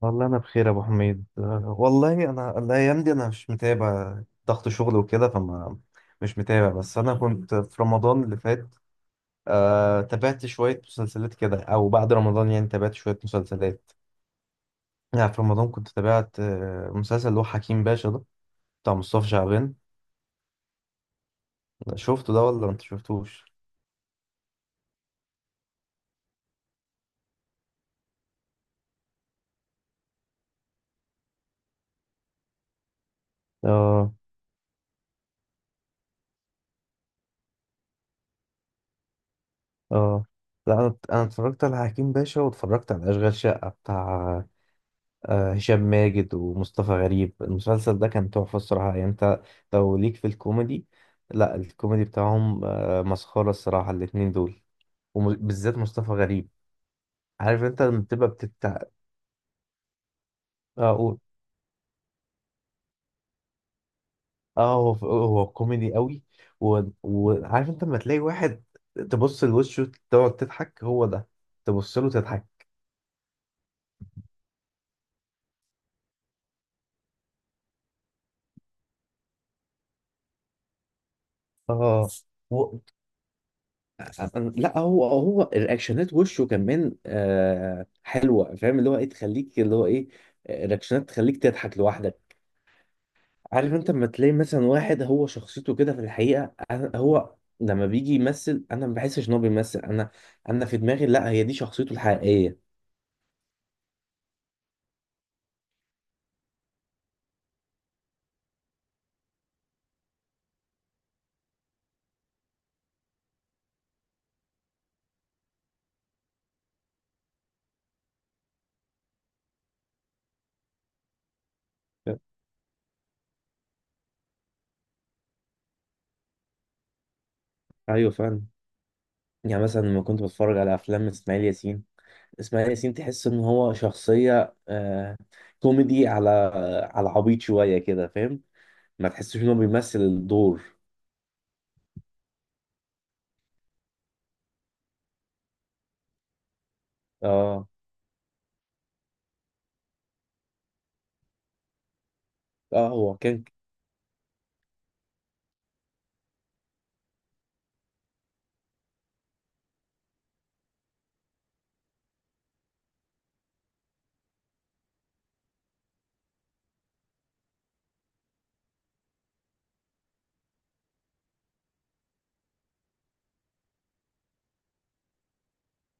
والله انا بخير يا ابو حميد أه، والله انا الايام دي انا مش متابع. ضغط شغل وكده فما مش متابع. بس انا كنت في رمضان اللي فات تابعت شوية مسلسلات كده او بعد رمضان، يعني تابعت شوية مسلسلات. يعني في رمضان كنت تابعت مسلسل اللي هو حكيم باشا ده، بتاع مصطفى شعبان. شفته ده ولا انت شفتوش؟ اه. اه، لا انا اتفرجت على حكيم باشا واتفرجت على اشغال شقة بتاع هشام ماجد ومصطفى غريب. المسلسل ده كان تحفة الصراحة. يعني انت لو ليك في الكوميدي، لا الكوميدي بتاعهم مسخرة الصراحة الاتنين دول، وبالذات مصطفى غريب. عارف انت لما بتبقى بتتع، اه قول. اه، هو هو كوميدي قوي. و- وعارف انت لما تلاقي واحد تبص لوشه تقعد تضحك، هو ده، تبص له تضحك. اه، لا هو هو الرياكشنات، وشه كمان حلوه، فاهم اللي هو ايه؟ تخليك اللي هو ايه، رياكشنات تخليك تضحك لوحدك. عارف انت لما تلاقي مثلا واحد هو شخصيته كده في الحقيقه، أنا هو لما بيجي يمثل انا ما بحسش ان هو بيمثل. انا انا في دماغي لا، هي دي شخصيته الحقيقيه. ايوه فعلا. يعني مثلا لما كنت بتفرج على افلام اسماعيل ياسين، اسماعيل ياسين تحس ان هو شخصيه كوميدي، على على عبيط شويه كده، فاهم؟ ما تحسش ان هو بيمثل الدور. اه. اه. هو كان،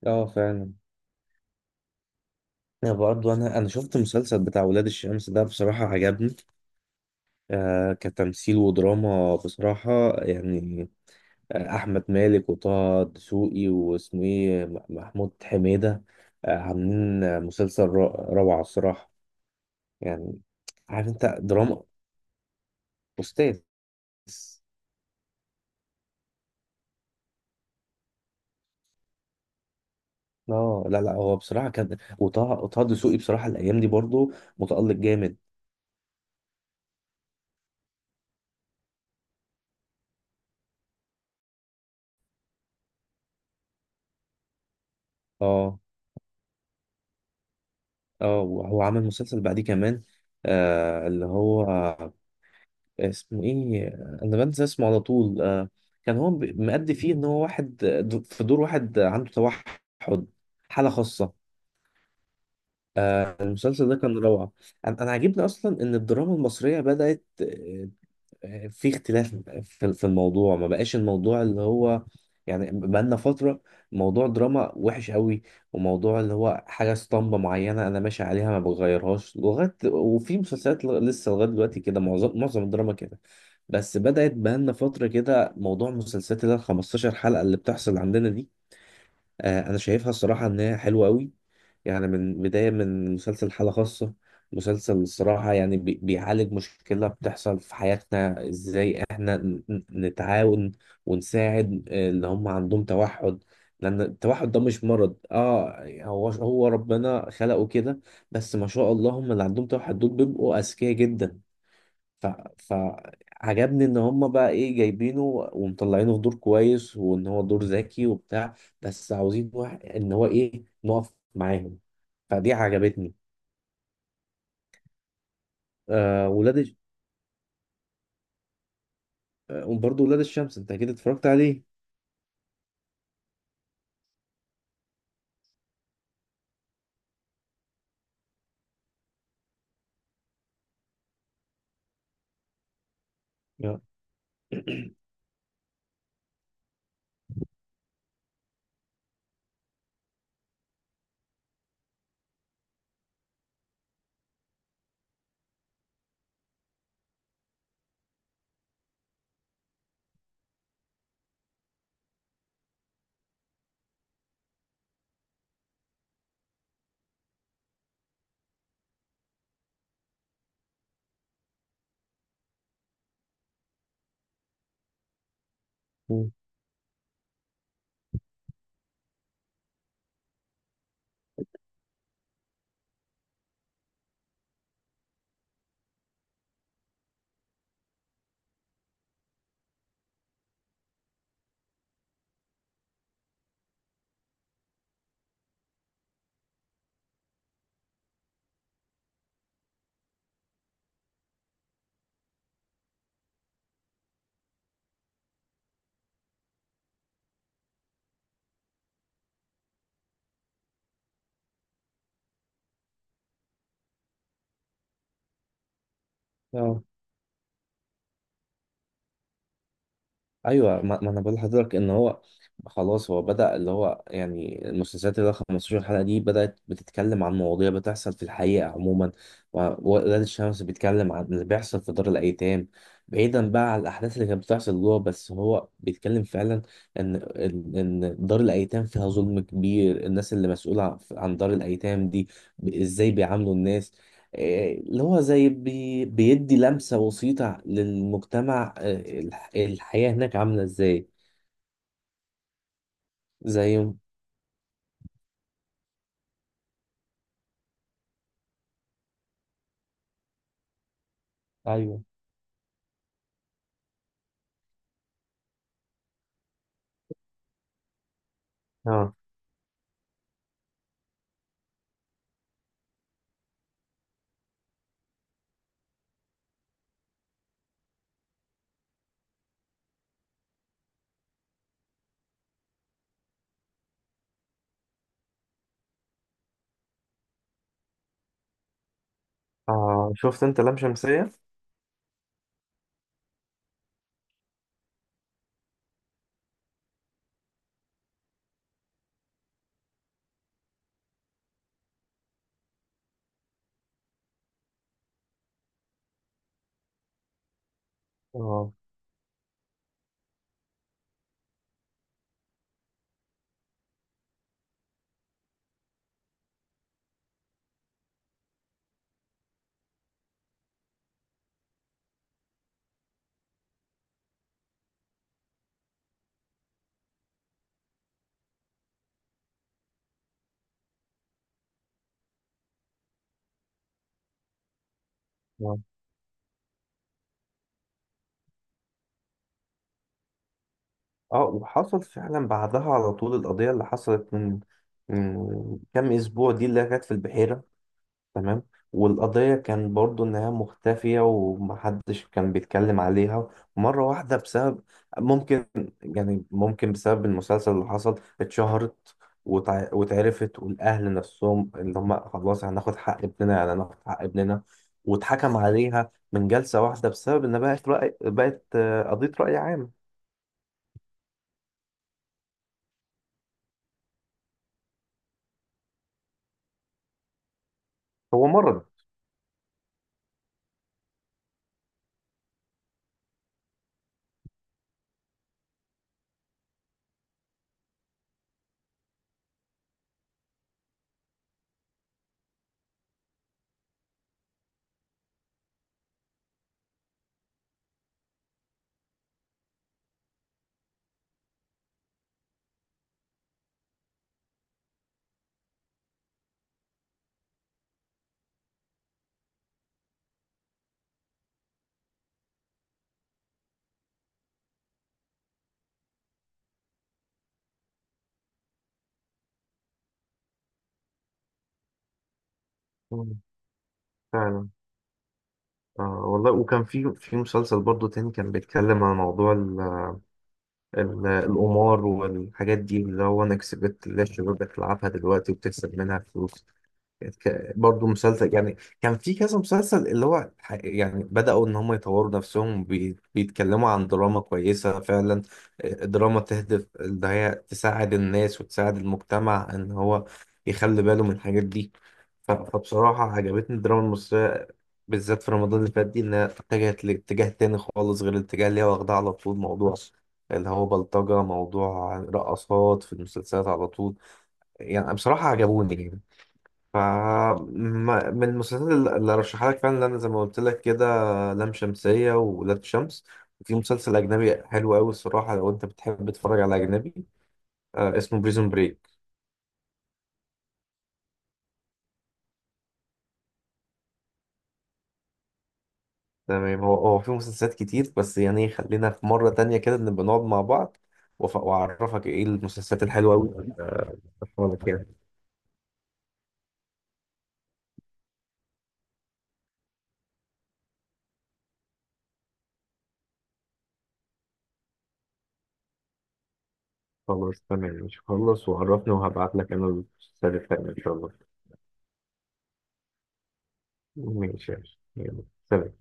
اه فعلا. انا برضه انا شفت المسلسل بتاع ولاد الشمس ده، بصراحه عجبني كتمثيل ودراما بصراحه يعني. احمد مالك وطه دسوقي واسمه ايه، محمود حميده عاملين مسلسل روعه الصراحه يعني. عارف انت دراما استاذ. اه لا لا، هو بصراحه كان وطه وطه دسوقي بصراحه الايام دي برضه متالق جامد. اه. اه وهو عمل مسلسل بعديه كمان اللي هو اسمه ايه؟ انا بنسى اسمه على طول. كان هو مأدي فيه ان هو واحد، في دور واحد عنده توحد، حالة خاصة. المسلسل ده كان روعة. أنا عاجبني اصلا ان الدراما المصرية بدأت في اختلاف في الموضوع. ما بقاش الموضوع اللي هو يعني، بقالنا فترة موضوع دراما وحش قوي، وموضوع اللي هو حاجة اسطمبة معينة أنا ماشي عليها ما بغيرهاش لغاية. وفي مسلسلات لسه لغاية دلوقتي كده معظم الدراما كده. بس بدأت بقالنا فترة كده موضوع مسلسلات اللي هي ال 15 حلقة اللي بتحصل عندنا دي. انا شايفها الصراحه ان هي حلوه قوي، يعني من بدايه من مسلسل حاله خاصه. مسلسل الصراحه يعني بيعالج مشكله بتحصل في حياتنا، ازاي احنا نتعاون ونساعد اللي هم عندهم توحد. لان التوحد ده مش مرض، اه هو هو ربنا خلقه كده. بس ما شاء الله هم اللي عندهم توحد دول بيبقوا اذكياء جدا. ف... فعجبني ان هم بقى ايه، جايبينه ومطلعينه في دور كويس، وان هو دور ذكي وبتاع، بس عاوزين واحد ان هو ايه، نقف معاهم. فدي عجبتني. آه ولاد الش- وبرضه ولاد الشمس انت اكيد اتفرجت عليه. لا. اه ايوه. ما انا بقول لحضرتك ان هو خلاص هو بدأ اللي هو يعني المسلسلات اللي هو 15 حلقة دي بدأت بتتكلم عن مواضيع بتحصل في الحقيقة عموما. و- وولاد الشمس بيتكلم عن اللي بيحصل في دار الأيتام، بعيدا بقى عن الأحداث اللي كانت بتحصل جوه. بس هو بيتكلم فعلا إن دار الأيتام فيها ظلم كبير. الناس اللي مسؤولة عن دار الأيتام دي إزاي بيعاملوا الناس؟ اللي هو زي بي بيدي لمسة بسيطة للمجتمع، الحياة هناك عاملة ازاي. زي ايوه. اه. اه شفت انت لام شمسية؟ اه. اه. اه وحصل فعلا بعدها على طول، القضية اللي حصلت من من كام اسبوع دي اللي كانت في البحيرة. تمام. والقضية كان برضو إنها مختفية ومحدش كان بيتكلم عليها. مرة واحدة بسبب ممكن، يعني ممكن بسبب المسلسل اللي حصل اتشهرت وتع- واتعرفت، والأهل نفسهم اللي هم خلاص هناخد حق ابننا، يعني هناخد حق ابننا. واتحكم عليها من جلسة واحدة بسبب إن بقت رأي، بقت قضية رأي عام. هو مرض. مم. فعلا. والله وكان في في مسلسل برضو تاني كان بيتكلم عن موضوع القمار والحاجات دي، اللي هو أنا كسبت اللي الشباب بتلعبها دلوقتي وبتكسب منها فلوس. كانت برضو مسلسل يعني. كان في كذا مسلسل اللي هو يعني بدأوا إن هم يطوروا نفسهم بيتكلموا عن دراما كويسة فعلا. دراما تهدف إن هي تساعد الناس وتساعد المجتمع إن هو يخلي باله من الحاجات دي. ف- فبصراحة عجبتني الدراما المصرية، بالذات في رمضان اللي فات دي، إنها اتجهت لاتجاه تاني خالص غير الاتجاه اللي هي واخداه على طول، موضوع اللي هو بلطجة، موضوع رقصات في المسلسلات على طول. يعني بصراحة عجبوني يعني. ف ما- من المسلسلات اللي اللي رشحها لك فعلا انا زي ما قلت لك كده، لام شمسية وولاد شمس. وفي مسلسل أجنبي حلو أوي الصراحة لو أنت بتحب تتفرج على أجنبي، اسمه بريزون بريك. تمام. هو هو في مسلسلات كتير بس يعني خلينا في مرة تانية كده نبقى نقعد مع بعض وأف- وأعرفك إيه المسلسلات الحلوة أوي اللي أنا رشحها لك يعني. خلاص تمام، مش خلص وعرفني وهبعت لك أنا المسلسلات التانية إن شاء الله. ماشي. يلا. سلام.